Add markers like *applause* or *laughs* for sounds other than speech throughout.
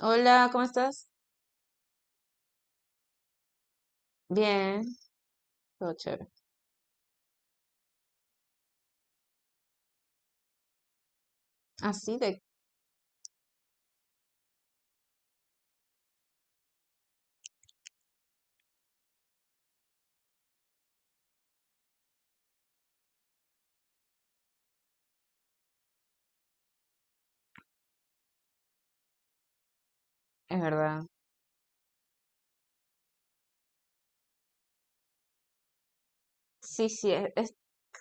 Hola, ¿cómo estás? Bien, todo chévere. Así de, es verdad. Sí,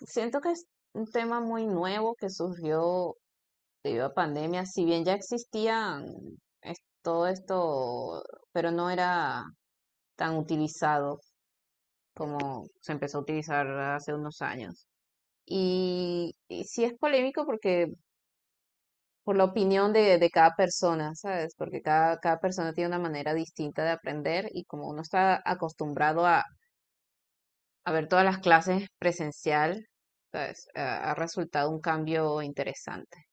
siento que es un tema muy nuevo que surgió debido a pandemia, si bien ya existían todo esto, pero no era tan utilizado como se empezó a utilizar hace unos años. Y sí es polémico porque por la opinión de cada persona, ¿sabes? Porque cada persona tiene una manera distinta de aprender y como uno está acostumbrado a ver todas las clases presencial, pues, ha resultado un cambio interesante.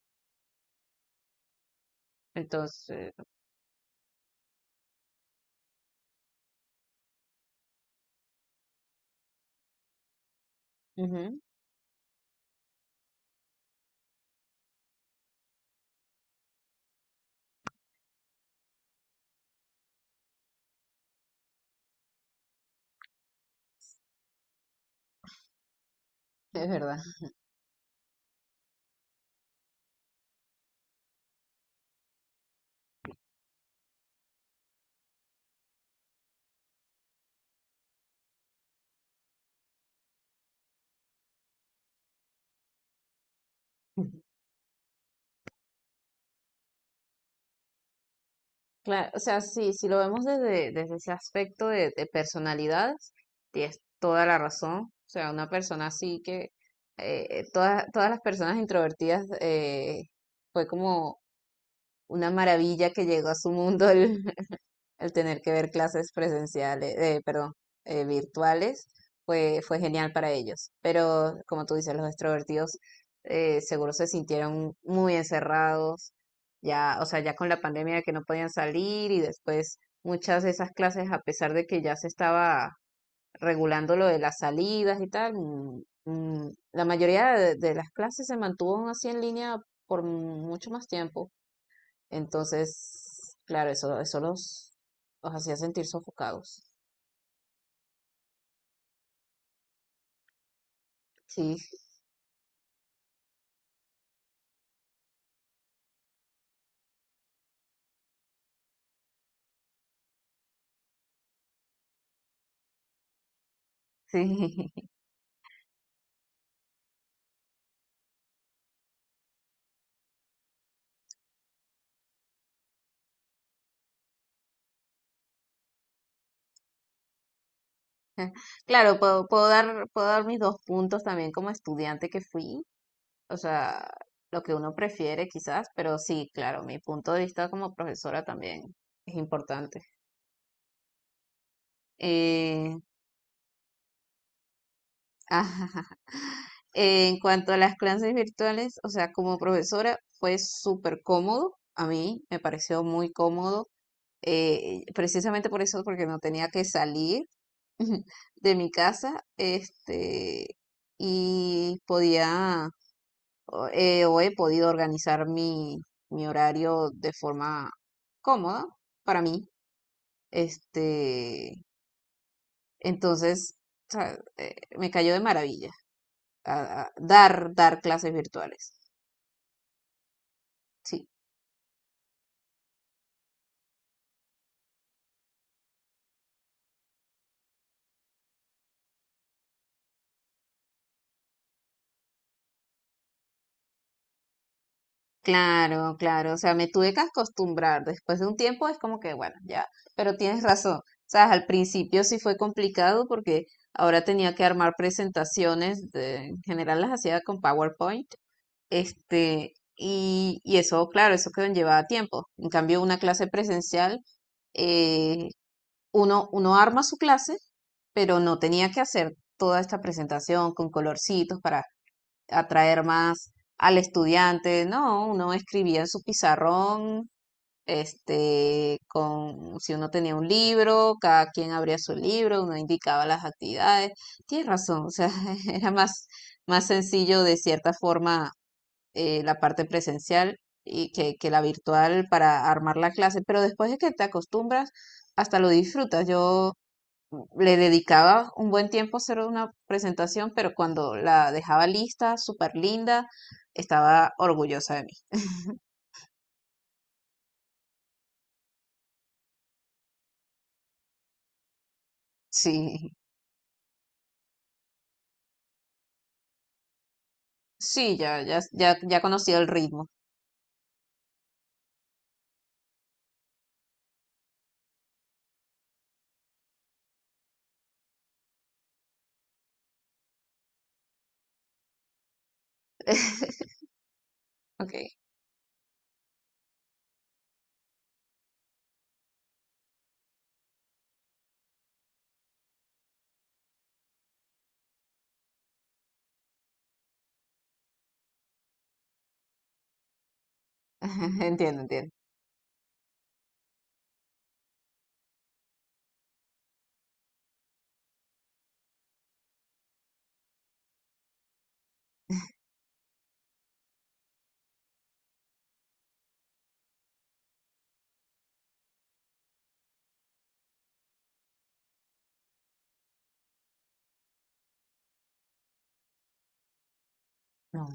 Entonces, ujú, es verdad. Claro, o sea, sí, si lo vemos desde, desde ese aspecto de personalidades, tienes toda la razón. O sea, una persona así que todas, todas las personas introvertidas fue como una maravilla que llegó a su mundo el tener que ver clases presenciales, perdón, virtuales, fue genial para ellos. Pero como tú dices, los extrovertidos seguro se sintieron muy encerrados, ya, o sea, ya con la pandemia de que no podían salir y después muchas de esas clases, a pesar de que ya se estaba regulando lo de las salidas y tal, la mayoría de las clases se mantuvo aún así en línea por mucho más tiempo. Entonces, claro, eso los hacía sentir sofocados. Sí, sí. *laughs* Claro, puedo dar mis dos puntos también como estudiante que fui. O sea, lo que uno prefiere quizás, pero sí, claro, mi punto de vista como profesora también es importante. Eh, *laughs* ajá. En cuanto a las clases virtuales, o sea, como profesora fue súper cómodo. A mí me pareció muy cómodo precisamente por eso, porque no tenía que salir *laughs* de mi casa, este, y podía, o he podido organizar mi, mi horario de forma cómoda para mí, este, entonces, o sea, me cayó de maravilla a dar, dar clases virtuales, sí. Claro, claro, o sea, me tuve que acostumbrar. Después de un tiempo es como que, bueno, ya, pero tienes razón. O sea, al principio sí fue complicado porque ahora tenía que armar presentaciones, en general las hacía con PowerPoint, este, y eso, claro, eso que llevaba tiempo. En cambio, una clase presencial, eh, uno, uno arma su clase, pero no tenía que hacer toda esta presentación con colorcitos para atraer más al estudiante. No, uno escribía en su pizarrón, este, con, si uno tenía un libro, cada quien abría su libro, uno indicaba las actividades. Tienes razón, o sea, *laughs* era más, más sencillo de cierta forma la parte presencial y que la virtual para armar la clase, pero después de que te acostumbras, hasta lo disfrutas. Yo le dedicaba un buen tiempo a hacer una presentación, pero cuando la dejaba lista, súper linda, estaba orgullosa de mí. Sí, sí, ya conocía el ritmo. *laughs* Ok, *laughs* entiendo, entiendo. No,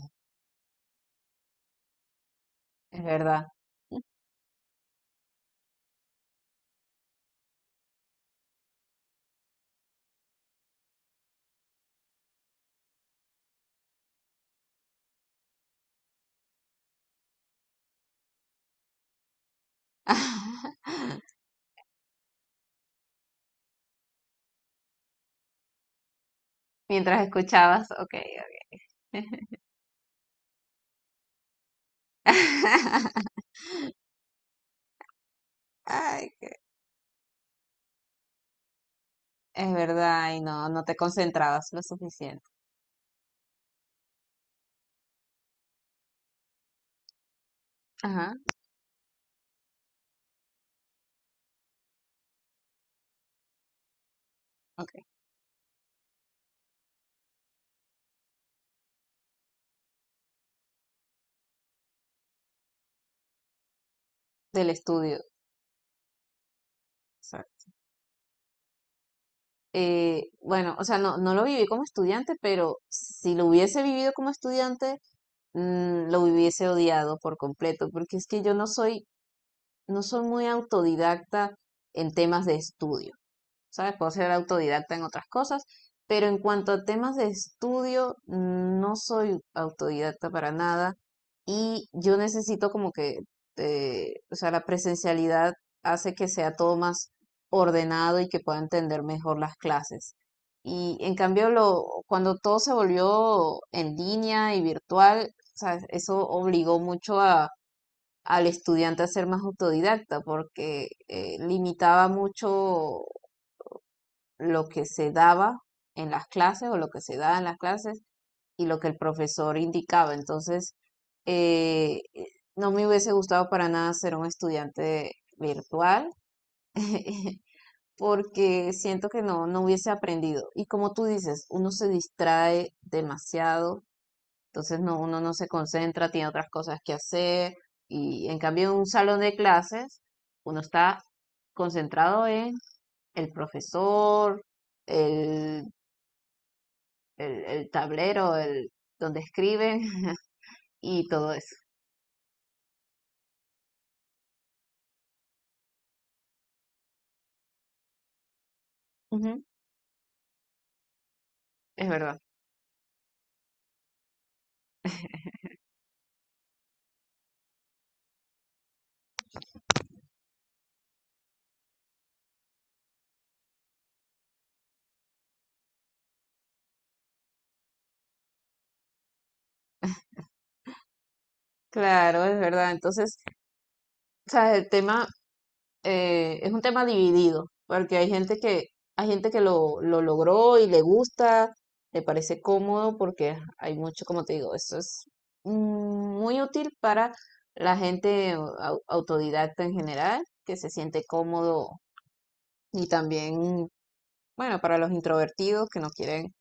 es verdad. *laughs* Mientras escuchabas, ok. Ok. *laughs* Ay, qué- es verdad, y no, no te concentrabas lo suficiente. Ajá, ok. Del estudio. Bueno, o sea, no, no lo viví como estudiante, pero si lo hubiese vivido como estudiante, mm, lo hubiese odiado por completo, porque es que yo no soy, no soy muy autodidacta en temas de estudio. ¿Sabes? Puedo ser autodidacta en otras cosas, pero en cuanto a temas de estudio, no soy autodidacta para nada y yo necesito como que, o sea, la presencialidad hace que sea todo más ordenado y que pueda entender mejor las clases. Y en cambio, lo, cuando todo se volvió en línea y virtual, ¿sabes? Eso obligó mucho a, al estudiante a ser más autodidacta porque limitaba mucho lo que se daba en las clases o lo que se daba en las clases y lo que el profesor indicaba. Entonces, eh, eh, no me hubiese gustado para nada ser un estudiante virtual *laughs* porque siento que no, no hubiese aprendido. Y como tú dices, uno se distrae demasiado, entonces no, uno no se concentra, tiene otras cosas que hacer y en cambio en un salón de clases uno está concentrado en el profesor, el el tablero, el donde escriben *laughs* y todo eso. Ujú, es verdad. Claro, es verdad. Entonces, o sea, el tema es un tema dividido, porque hay gente que lo logró y le gusta, le parece cómodo, porque hay mucho, como te digo, eso es mm, muy útil para la gente autodidacta en general, que se siente cómodo y también, bueno, para los introvertidos que no quieren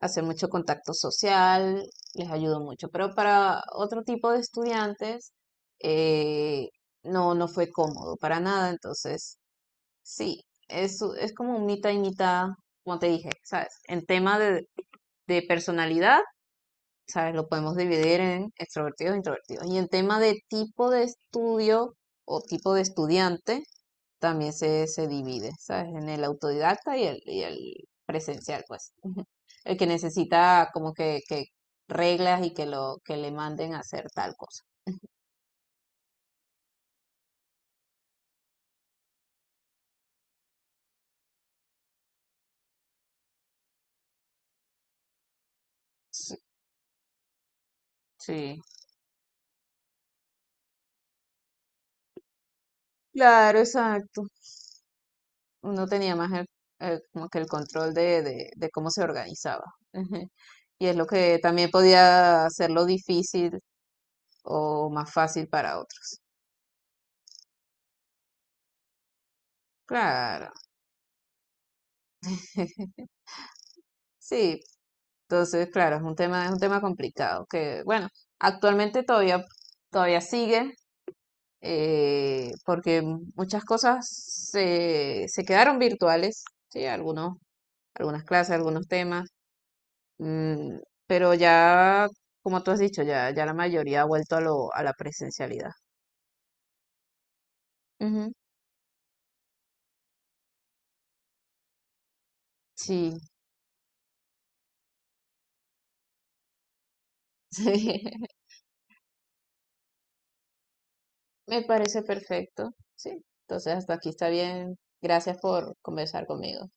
hacer mucho contacto social, les ayudó mucho, pero para otro tipo de estudiantes eh, no, no fue cómodo para nada, entonces sí, es como un mitad y mitad, como te dije, ¿sabes? En tema de personalidad, ¿sabes? Lo podemos dividir en extrovertidos e introvertidos, y en tema de tipo de estudio o tipo de estudiante, también se divide, ¿sabes? En el autodidacta y el presencial, pues el que necesita como que reglas y que lo que le manden a hacer tal cosa. Sí, sí. Claro, exacto. Uno tenía más el, como que el control de cómo se organizaba. Ujú. Y es lo que también podía hacerlo difícil o más fácil para otros. Claro. *laughs* Sí, entonces, claro, es un tema complicado que, bueno, actualmente todavía, todavía sigue, porque muchas cosas se, se quedaron virtuales, ¿sí? Algunas clases, algunos temas, mm, pero ya, como tú has dicho, ya la mayoría ha vuelto a lo, a la presencialidad. Ujú, sí, *laughs* sí, me parece perfecto, sí. Entonces, hasta aquí está bien. Gracias por conversar conmigo.